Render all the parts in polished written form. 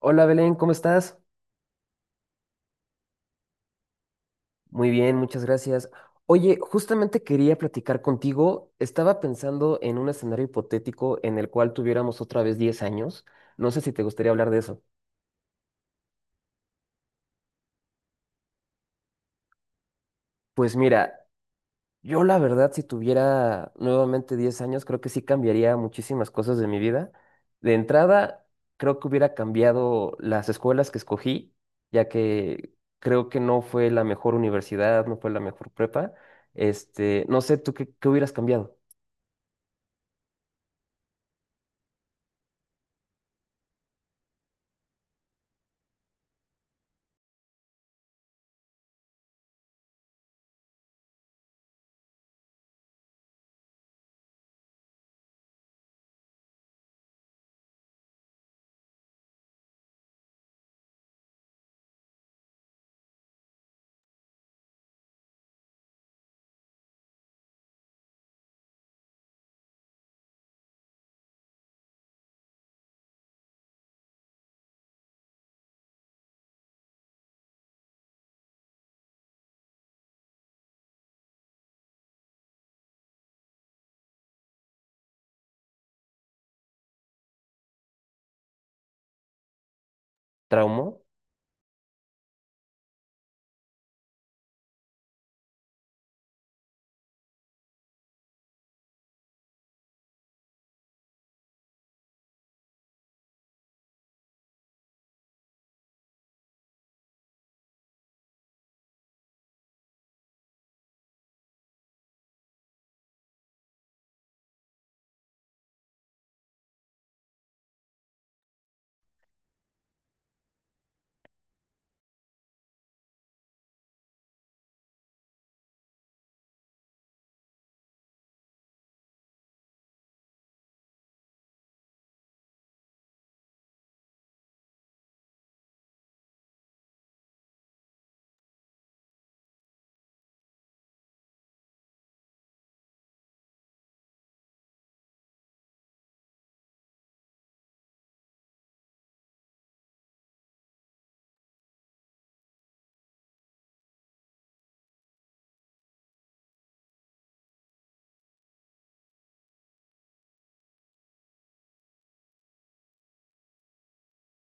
Hola Belén, ¿cómo estás? Muy bien, muchas gracias. Oye, justamente quería platicar contigo. Estaba pensando en un escenario hipotético en el cual tuviéramos otra vez 10 años. No sé si te gustaría hablar de eso. Pues mira, yo la verdad, si tuviera nuevamente 10 años, creo que sí cambiaría muchísimas cosas de mi vida. De entrada, creo que hubiera cambiado las escuelas que escogí, ya que creo que no fue la mejor universidad, no fue la mejor prepa. No sé, ¿tú qué hubieras cambiado? ¿Traumó?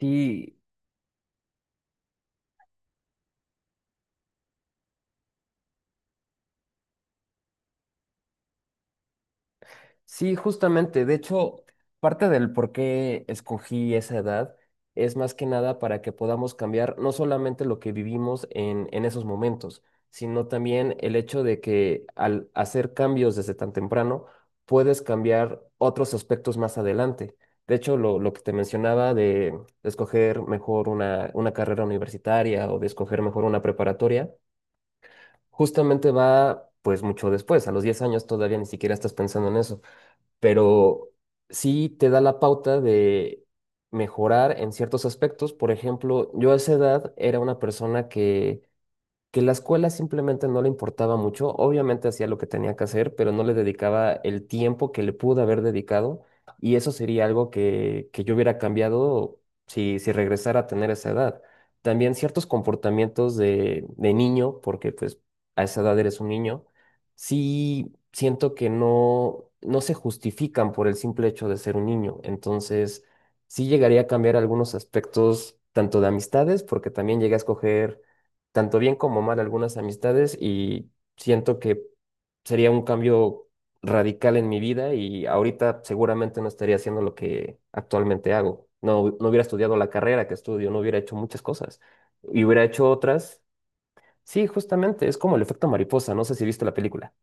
Sí, sí, justamente. De hecho, parte del por qué escogí esa edad es más que nada para que podamos cambiar no solamente lo que vivimos en esos momentos, sino también el hecho de que al hacer cambios desde tan temprano, puedes cambiar otros aspectos más adelante. De hecho, lo que te mencionaba de escoger mejor una carrera universitaria o de escoger mejor una preparatoria. Justamente va pues mucho después, a los 10 años todavía ni siquiera estás pensando en eso, pero sí te da la pauta de mejorar en ciertos aspectos. Por ejemplo, yo a esa edad era una persona que la escuela simplemente no le importaba mucho, obviamente hacía lo que tenía que hacer, pero no le dedicaba el tiempo que le pudo haber dedicado, y eso sería algo que yo hubiera cambiado si regresara a tener esa edad. También ciertos comportamientos de niño, porque pues a esa edad eres un niño, sí siento que no, no se justifican por el simple hecho de ser un niño, entonces sí llegaría a cambiar algunos aspectos, tanto de amistades, porque también llegué a escoger tanto bien como mal algunas amistades y siento que sería un cambio radical en mi vida, y ahorita seguramente no estaría haciendo lo que actualmente hago. No, no hubiera estudiado la carrera que estudio, no hubiera hecho muchas cosas y hubiera hecho otras. Sí, justamente, es como el efecto mariposa, no sé si viste la película.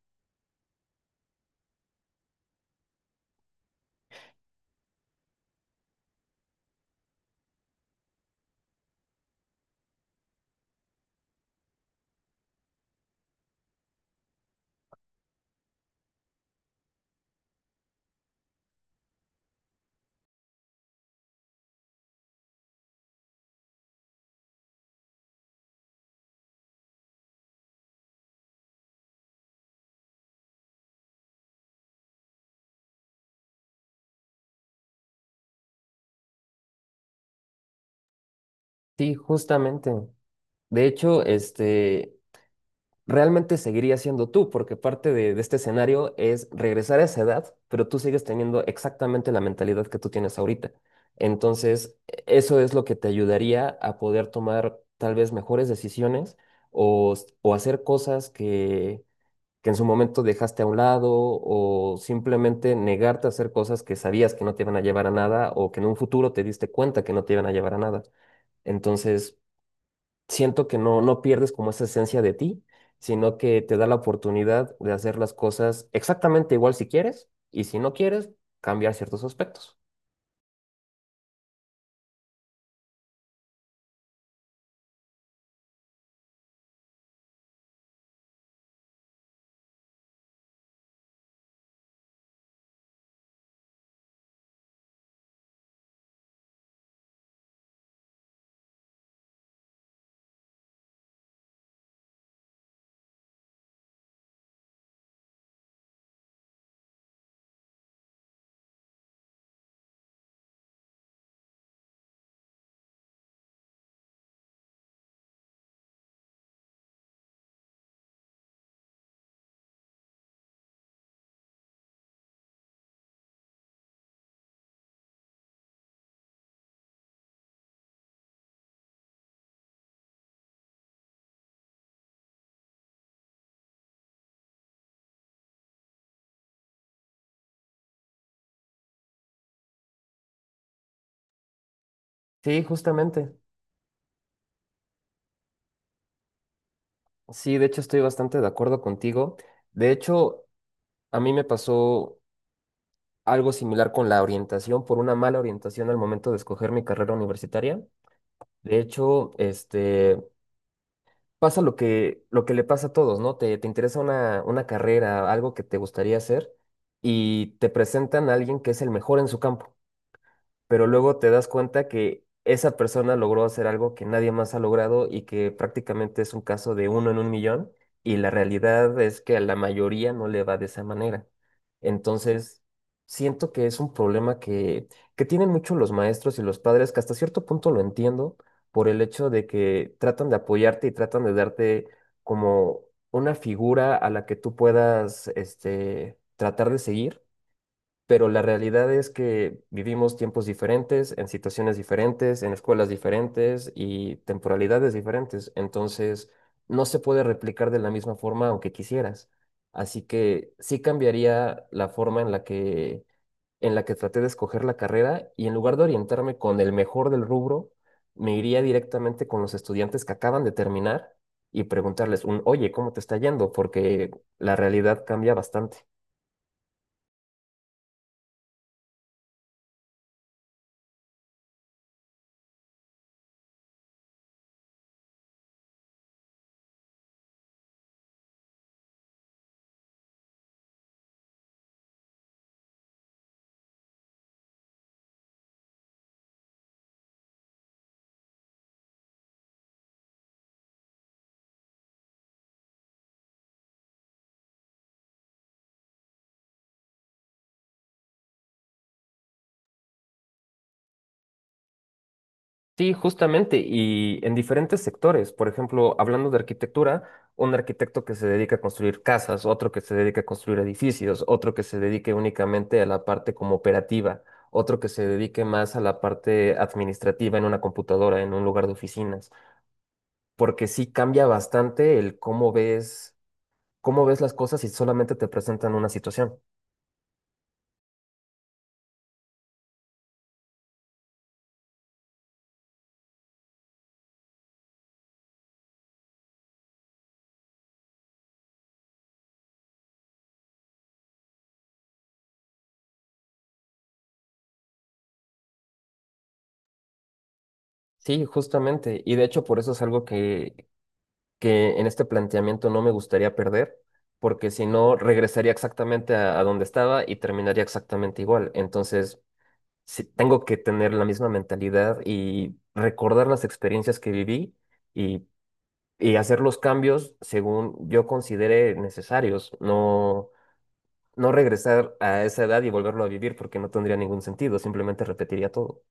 Sí, justamente. De hecho, realmente seguirías siendo tú, porque parte de este escenario es regresar a esa edad, pero tú sigues teniendo exactamente la mentalidad que tú tienes ahorita. Entonces, eso es lo que te ayudaría a poder tomar tal vez mejores decisiones o hacer cosas que en su momento dejaste a un lado, o simplemente negarte a hacer cosas que sabías que no te iban a llevar a nada, o que en un futuro te diste cuenta que no te iban a llevar a nada. Entonces, siento que no, no pierdes como esa esencia de ti, sino que te da la oportunidad de hacer las cosas exactamente igual si quieres, y si no quieres, cambiar ciertos aspectos. Sí, justamente. Sí, de hecho estoy bastante de acuerdo contigo. De hecho, a mí me pasó algo similar con la orientación, por una mala orientación al momento de escoger mi carrera universitaria. De hecho, pasa lo que le pasa a todos, ¿no? Te interesa una carrera, algo que te gustaría hacer, y te presentan a alguien que es el mejor en su campo, pero luego te das cuenta que esa persona logró hacer algo que nadie más ha logrado, y que prácticamente es un caso de uno en un millón, y la realidad es que a la mayoría no le va de esa manera. Entonces, siento que es un problema que tienen mucho los maestros y los padres, que hasta cierto punto lo entiendo por el hecho de que tratan de apoyarte y tratan de darte como una figura a la que tú puedas, tratar de seguir, pero la realidad es que vivimos tiempos diferentes, en situaciones diferentes, en escuelas diferentes y temporalidades diferentes. Entonces, no se puede replicar de la misma forma aunque quisieras. Así que sí cambiaría la forma en la que traté de escoger la carrera, y en lugar de orientarme con el mejor del rubro, me iría directamente con los estudiantes que acaban de terminar y preguntarles un, oye, ¿cómo te está yendo? Porque la realidad cambia bastante. Sí, justamente, y en diferentes sectores. Por ejemplo, hablando de arquitectura, un arquitecto que se dedica a construir casas, otro que se dedica a construir edificios, otro que se dedique únicamente a la parte como operativa, otro que se dedique más a la parte administrativa en una computadora, en un lugar de oficinas, porque sí cambia bastante el cómo ves las cosas si solamente te presentan una situación. Sí, justamente, y de hecho por eso es algo que en este planteamiento no me gustaría perder, porque si no, regresaría exactamente a donde estaba y terminaría exactamente igual. Entonces, sí, tengo que tener la misma mentalidad y recordar las experiencias que viví, y, y hacer los cambios según yo considere necesarios, no, no regresar a esa edad y volverlo a vivir porque no tendría ningún sentido, simplemente repetiría todo.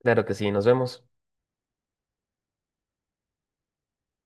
Claro que sí, nos vemos.